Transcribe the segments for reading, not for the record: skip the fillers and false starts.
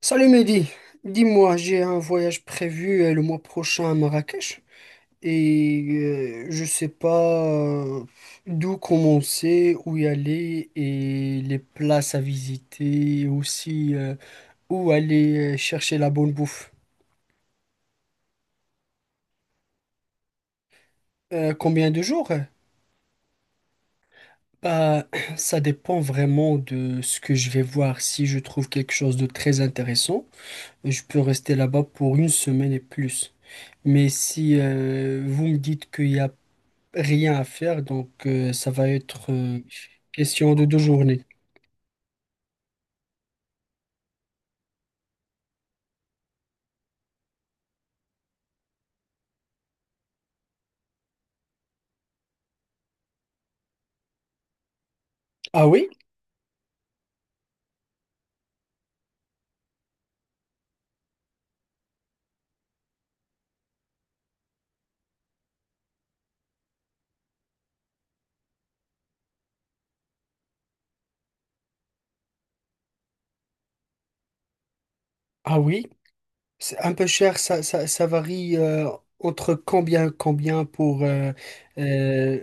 Salut Mehdi, dis-moi, j'ai un voyage prévu le mois prochain à Marrakech et je sais pas euh, d'où commencer, où y aller et les places à visiter, aussi où aller chercher la bonne bouffe. Combien de jours? Bah, ça dépend vraiment de ce que je vais voir. Si je trouve quelque chose de très intéressant, je peux rester là-bas pour une semaine et plus. Mais si vous me dites qu'il y a rien à faire, donc ça va être question de deux journées. Ah oui? Ah oui? C'est un peu cher, ça varie entre combien, combien pour... euh,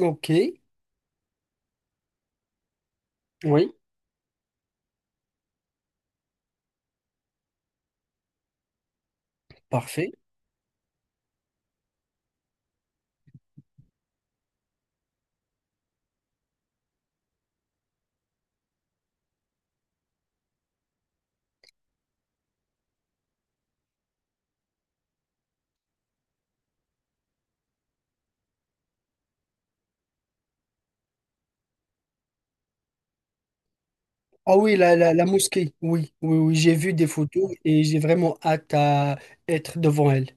ok. Oui. Parfait. Ah oui, la mosquée, oui, oui, oui, j'ai vu des photos et j'ai vraiment hâte à être devant elle.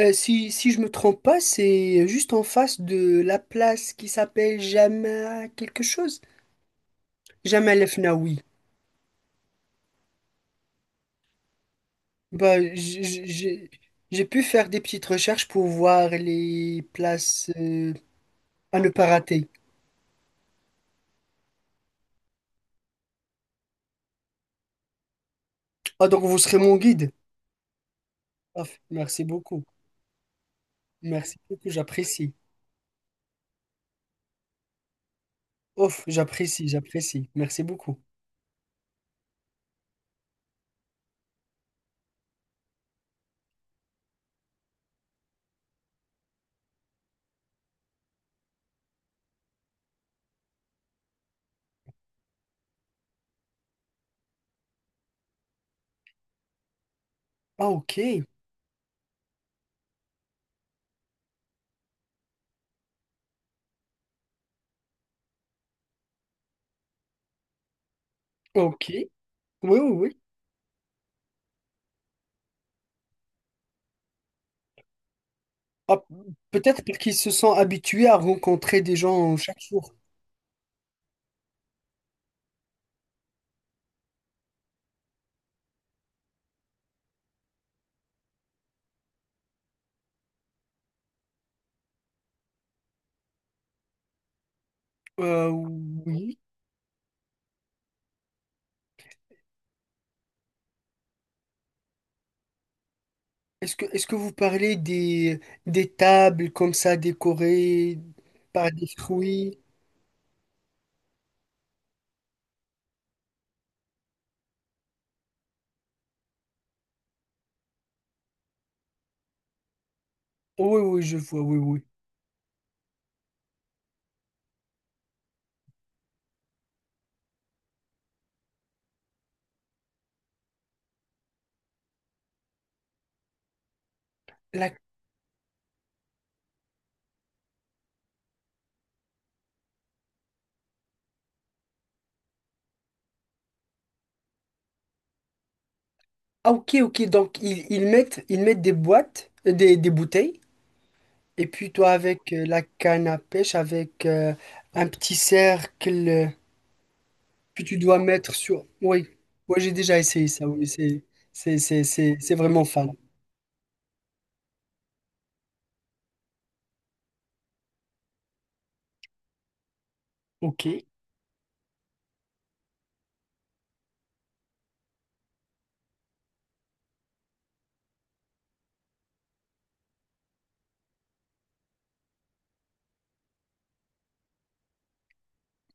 Si, si je me trompe pas, c'est juste en face de la place qui s'appelle Jamal quelque chose. Jamal el Fnaoui. Bah, j'ai pu faire des petites recherches pour voir les places à ne pas rater. Ah, donc vous serez mon guide. Ouf, merci beaucoup. Merci beaucoup, j'apprécie. Ouf, j'apprécie. Merci beaucoup. Ah, ok. Ok. Oui, oui, oui. Ah, peut-être parce qu'ils se sont habitués à rencontrer des gens chaque jour. Oui. Est-ce que vous parlez des tables comme ça décorées par des fruits? Oui, oui, je vois, oui, oui. La ah ok, ok, donc ils, ils mettent des boîtes des bouteilles et puis toi avec la canne à pêche avec un petit cercle que tu dois mettre sur. Oui, moi j'ai déjà essayé ça, oui, c'est c'est vraiment fun. Ok.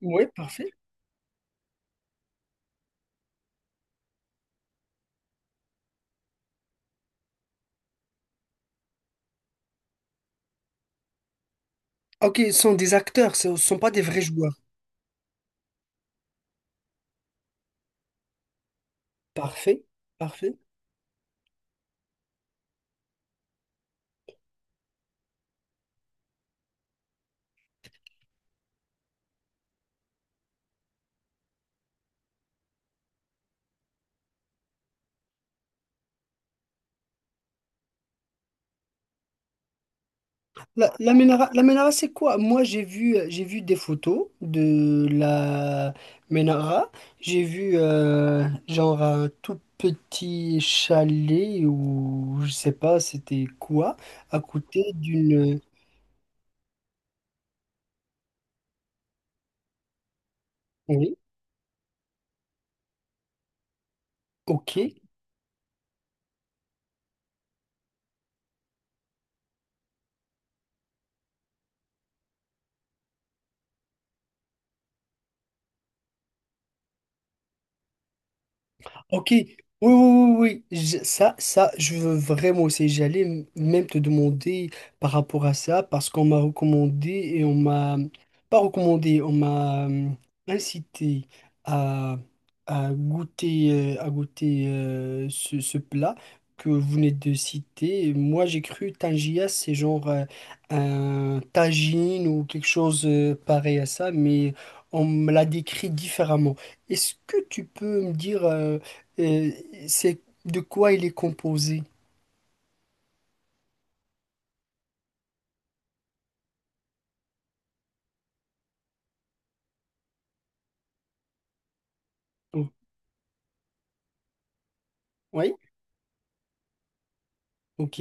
Ouais, parfait. Ok, ce sont des acteurs, ce ne sont pas des vrais joueurs. Parfait. Parfait. La, la Ménara, c'est quoi? Moi, j'ai vu des photos de la Ménara. J'ai vu genre un tout petit chalet ou je sais pas, c'était quoi, à côté d'une. Oui, ok. Ok, oui, ça, je veux vraiment essayer. J'allais même te demander par rapport à ça, parce qu'on m'a recommandé et on m'a, pas recommandé, on m'a incité à, à goûter ce, ce plat que vous venez de citer. Et moi, j'ai cru tangia, c'est genre un tagine ou quelque chose pareil à ça, mais on me l'a décrit différemment. Est-ce que tu peux me dire... euh, c'est de quoi il est composé? Oh. Oui, ok,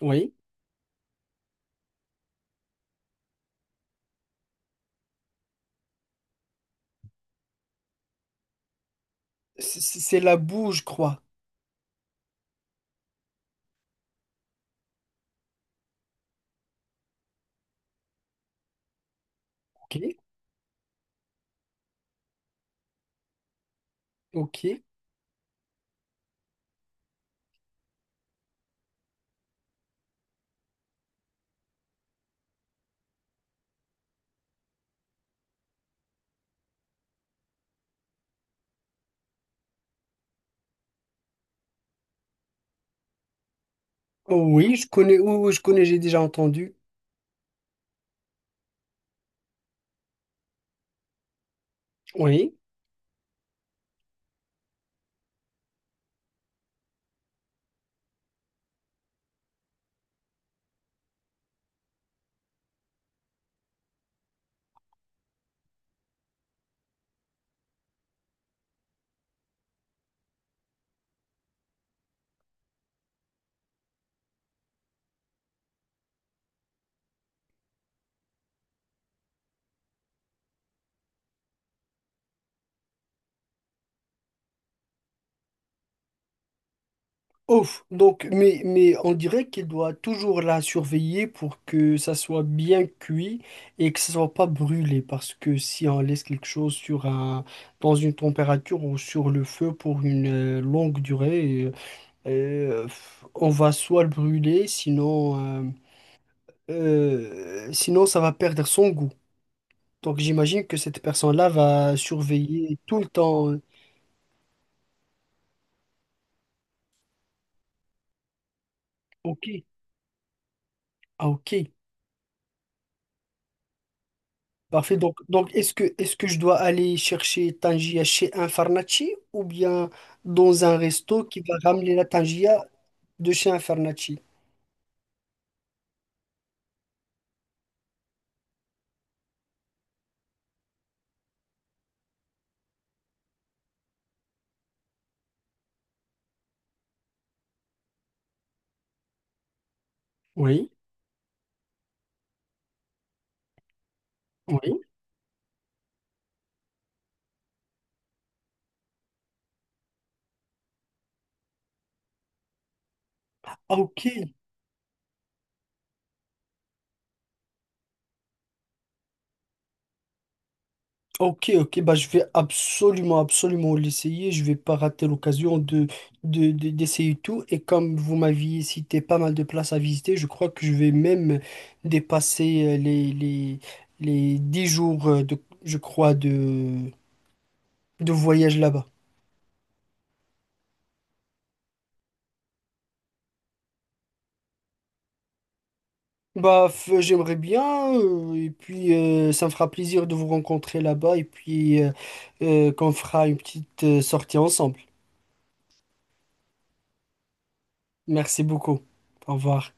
oui. C'est la boue, je crois. Ok, ok. Oh oui, je connais, oui, oui, je connais, j'ai déjà entendu. Oui. Ouf, donc, mais on dirait qu'il doit toujours la surveiller pour que ça soit bien cuit et que ça soit pas brûlé, parce que si on laisse quelque chose sur un, dans une température ou sur le feu pour une longue durée, euh, on va soit le brûler, sinon sinon, ça va perdre son goût. Donc, j'imagine que cette personne-là va surveiller tout le temps. Ok. Ah, ok. Parfait. Donc est-ce que je dois aller chercher Tangia chez un Farnaci ou bien dans un resto qui va ramener la Tangia de chez un Farnaci? Oui. Oui. Ah, ok. Ok, ok, bah je vais absolument, absolument l'essayer. Je vais pas rater l'occasion de, d'essayer tout. Et comme vous m'aviez cité pas mal de places à visiter, je crois que je vais même dépasser les 10 jours de, je crois, de voyage là-bas. Bah, j'aimerais bien, et puis ça me fera plaisir de vous rencontrer là-bas, et puis qu'on fera une petite sortie ensemble. Merci beaucoup. Au revoir.